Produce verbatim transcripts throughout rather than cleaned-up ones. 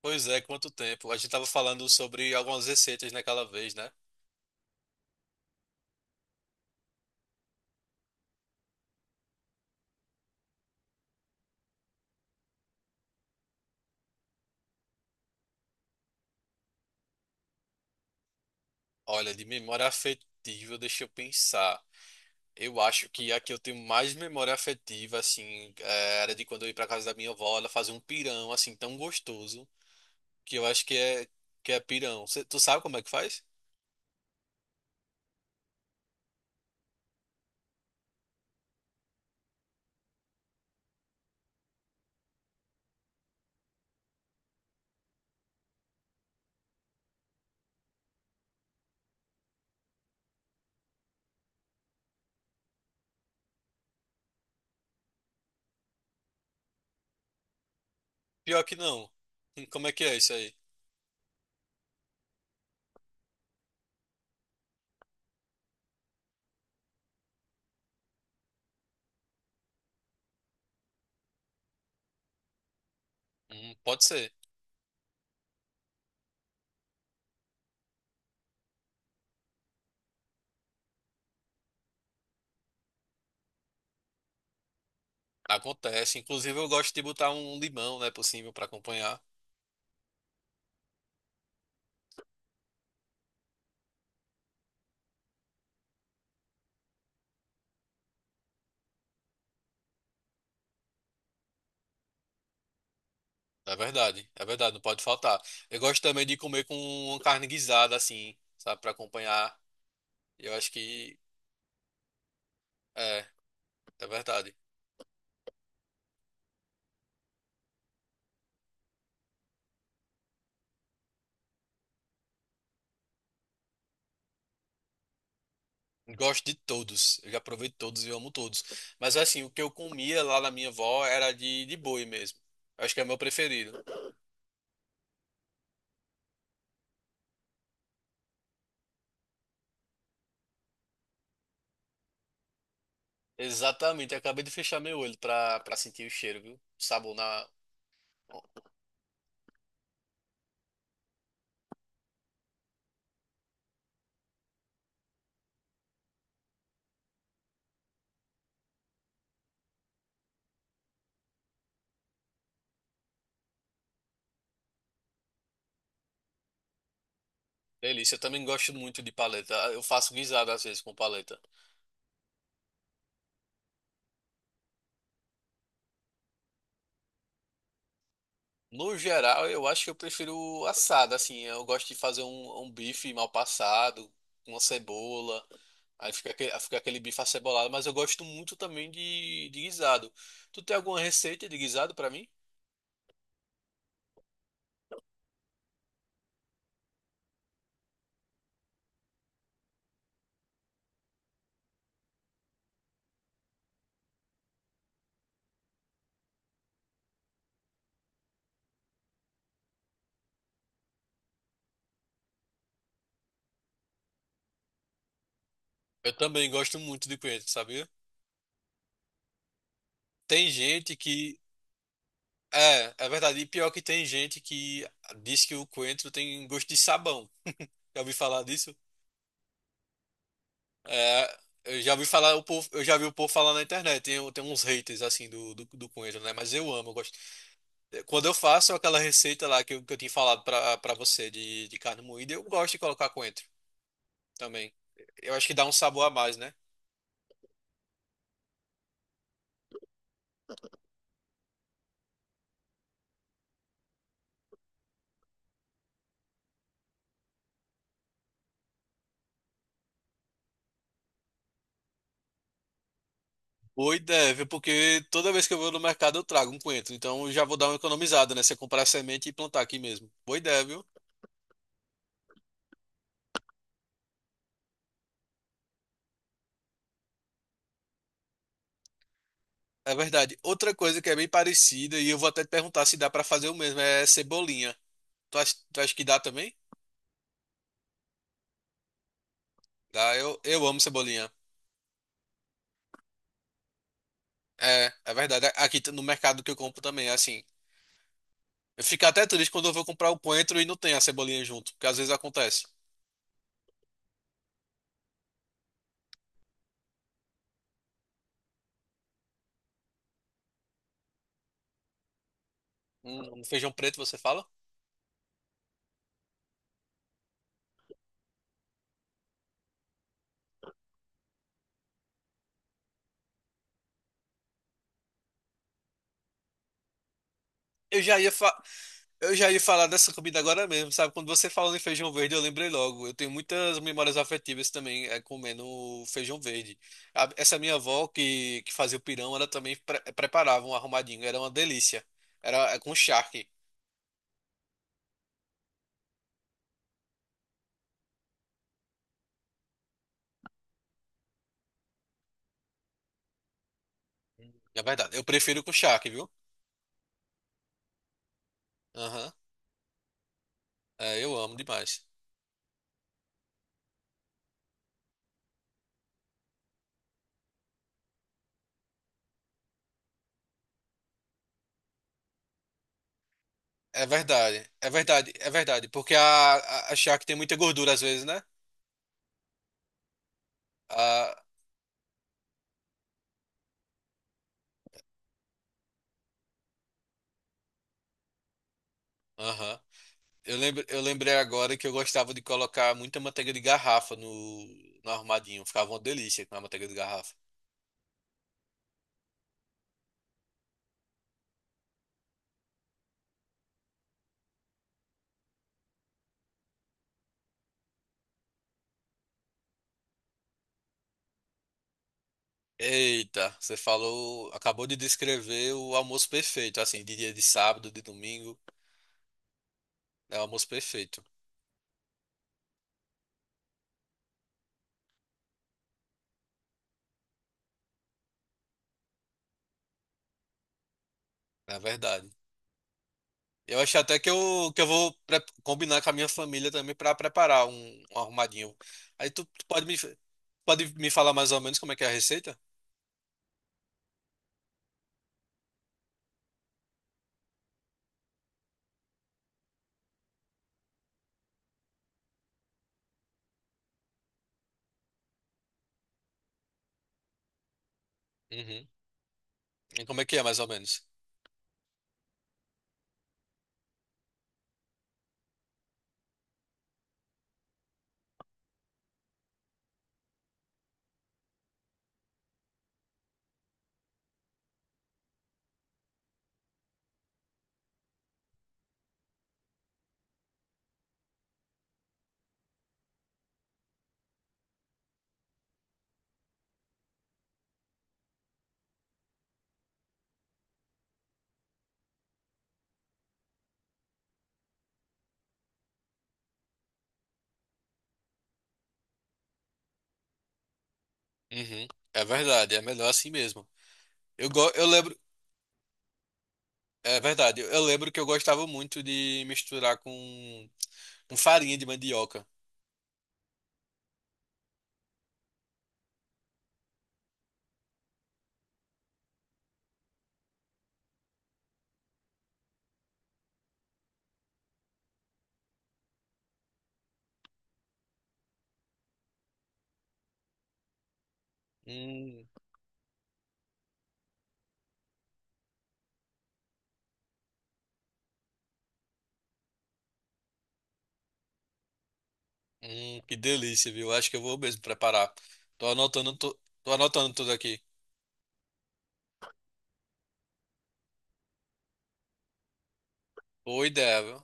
Pois é, quanto tempo. A gente tava falando sobre algumas receitas naquela vez, né? Olha, de memória afetiva, deixa eu pensar. Eu acho que a que eu tenho mais memória afetiva, assim, é, era de quando eu ia pra casa da minha avó, ela fazia um pirão, assim, tão gostoso, que eu acho que é, que é pirão. Cê- tu sabe como é que faz? Pior que não. Hum, como é que é isso aí? Hum, pode ser. Acontece. Inclusive, eu gosto de botar um limão, né, por cima pra acompanhar. É verdade, é verdade, não pode faltar. Eu gosto também de comer com uma carne guisada, assim, sabe, pra acompanhar. Eu acho que é, é verdade. Gosto de todos, eu já provei todos e amo todos. Mas assim, o que eu comia lá na minha avó era de, de boi mesmo. Eu acho que é o meu preferido. Exatamente, eu acabei de fechar meu olho pra, pra sentir o cheiro, viu? O sabor na. Delícia, eu também gosto muito de paleta. Eu faço guisada às vezes com paleta. No geral, eu acho que eu prefiro assado, assim, eu gosto de fazer um, um bife mal passado, com uma cebola, aí fica aquele, fica aquele bife acebolado, mas eu gosto muito também de, de guisado. Tu tem alguma receita de guisado pra mim? Eu também gosto muito de coentro, sabia? Tem gente que... É, é verdade, e pior que tem gente que diz que o coentro tem gosto de sabão. Já ouvi falar disso? É, eu já vi falar o povo, eu já vi o povo falar na internet, tem, tem uns haters assim do, do, do coentro, né? Mas eu amo, eu gosto. Quando eu faço aquela receita lá que eu, que eu tinha falado pra, pra você de, de carne moída, eu gosto de colocar coentro também. Eu acho que dá um sabor a mais, né? Boa ideia, porque toda vez que eu vou no mercado eu trago um coentro. Então eu já vou dar uma economizada, né? Se eu comprar semente e plantar aqui mesmo. Boa ideia, viu? É verdade. Outra coisa que é bem parecida, e eu vou até te perguntar se dá pra fazer o mesmo, é cebolinha. Tu acha, tu acha que dá também? Dá, eu, eu amo cebolinha. É, é verdade. Aqui t- no mercado que eu compro também, é assim. Eu fico até triste quando eu vou comprar o coentro e não tem a cebolinha junto, porque às vezes acontece. Um um feijão preto, você fala? Eu já ia fa- eu já ia falar dessa comida agora mesmo, sabe? Quando você falou em feijão verde, eu lembrei logo. Eu tenho muitas memórias afetivas também é, comendo feijão verde. A- Essa minha avó que, que fazia o pirão, ela também pre- preparava um arrumadinho, era uma delícia. Era é, com charque. É verdade. Eu prefiro com charque, viu? Aham. É, eu amo demais. É verdade, é verdade, é verdade, porque a, a, a charque tem muita gordura às vezes, né? Ah, aham. Eu lembro, eu lembrei agora que eu gostava de colocar muita manteiga de garrafa no, no arrumadinho. Ficava uma delícia com a manteiga de garrafa. Eita, você falou, acabou de descrever o almoço perfeito, assim, de dia de sábado, de domingo. É o almoço perfeito, na verdade. Eu acho até que eu, que eu vou pre- combinar com a minha família também para preparar um, um arrumadinho. Aí tu, tu pode me, pode me falar mais ou menos como é que é a receita? Uhum. E como é que é, mais ou menos? Uhum. É verdade, é melhor assim mesmo. Eu, go eu lembro, é verdade, eu eu lembro que eu gostava muito de misturar com, com farinha de mandioca. Hum, hum, que delícia, viu? Acho que eu vou mesmo preparar. Tô anotando, tu- Tô anotando tudo aqui. Boa ideia, viu?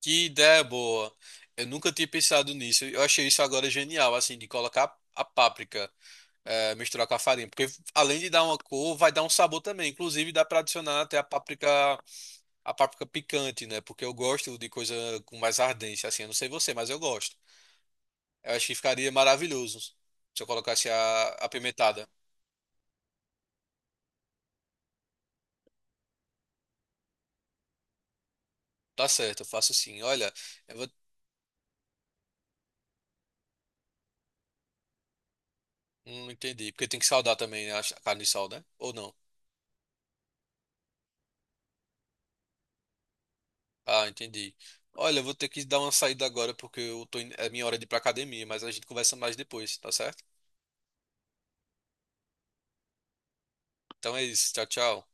Que ideia boa. Eu nunca tinha pensado nisso. Eu achei isso agora genial, assim, de colocar a páprica, é, misturar com a farinha. Porque além de dar uma cor, vai dar um sabor também. Inclusive, dá pra adicionar até a páprica. A páprica picante, né? Porque eu gosto de coisa com mais ardência, assim. Eu não sei você, mas eu gosto. Eu acho que ficaria maravilhoso se eu colocasse a a apimentada. Tá certo, eu faço assim. Olha, eu vou... Não entendi. Porque tem que saldar também, né? A carne de sal, né? Ou não? Ah, entendi. Olha, eu vou ter que dar uma saída agora porque eu tô... in- é minha hora de ir pra academia, mas a gente conversa mais depois, tá certo? Então é isso. Tchau, tchau.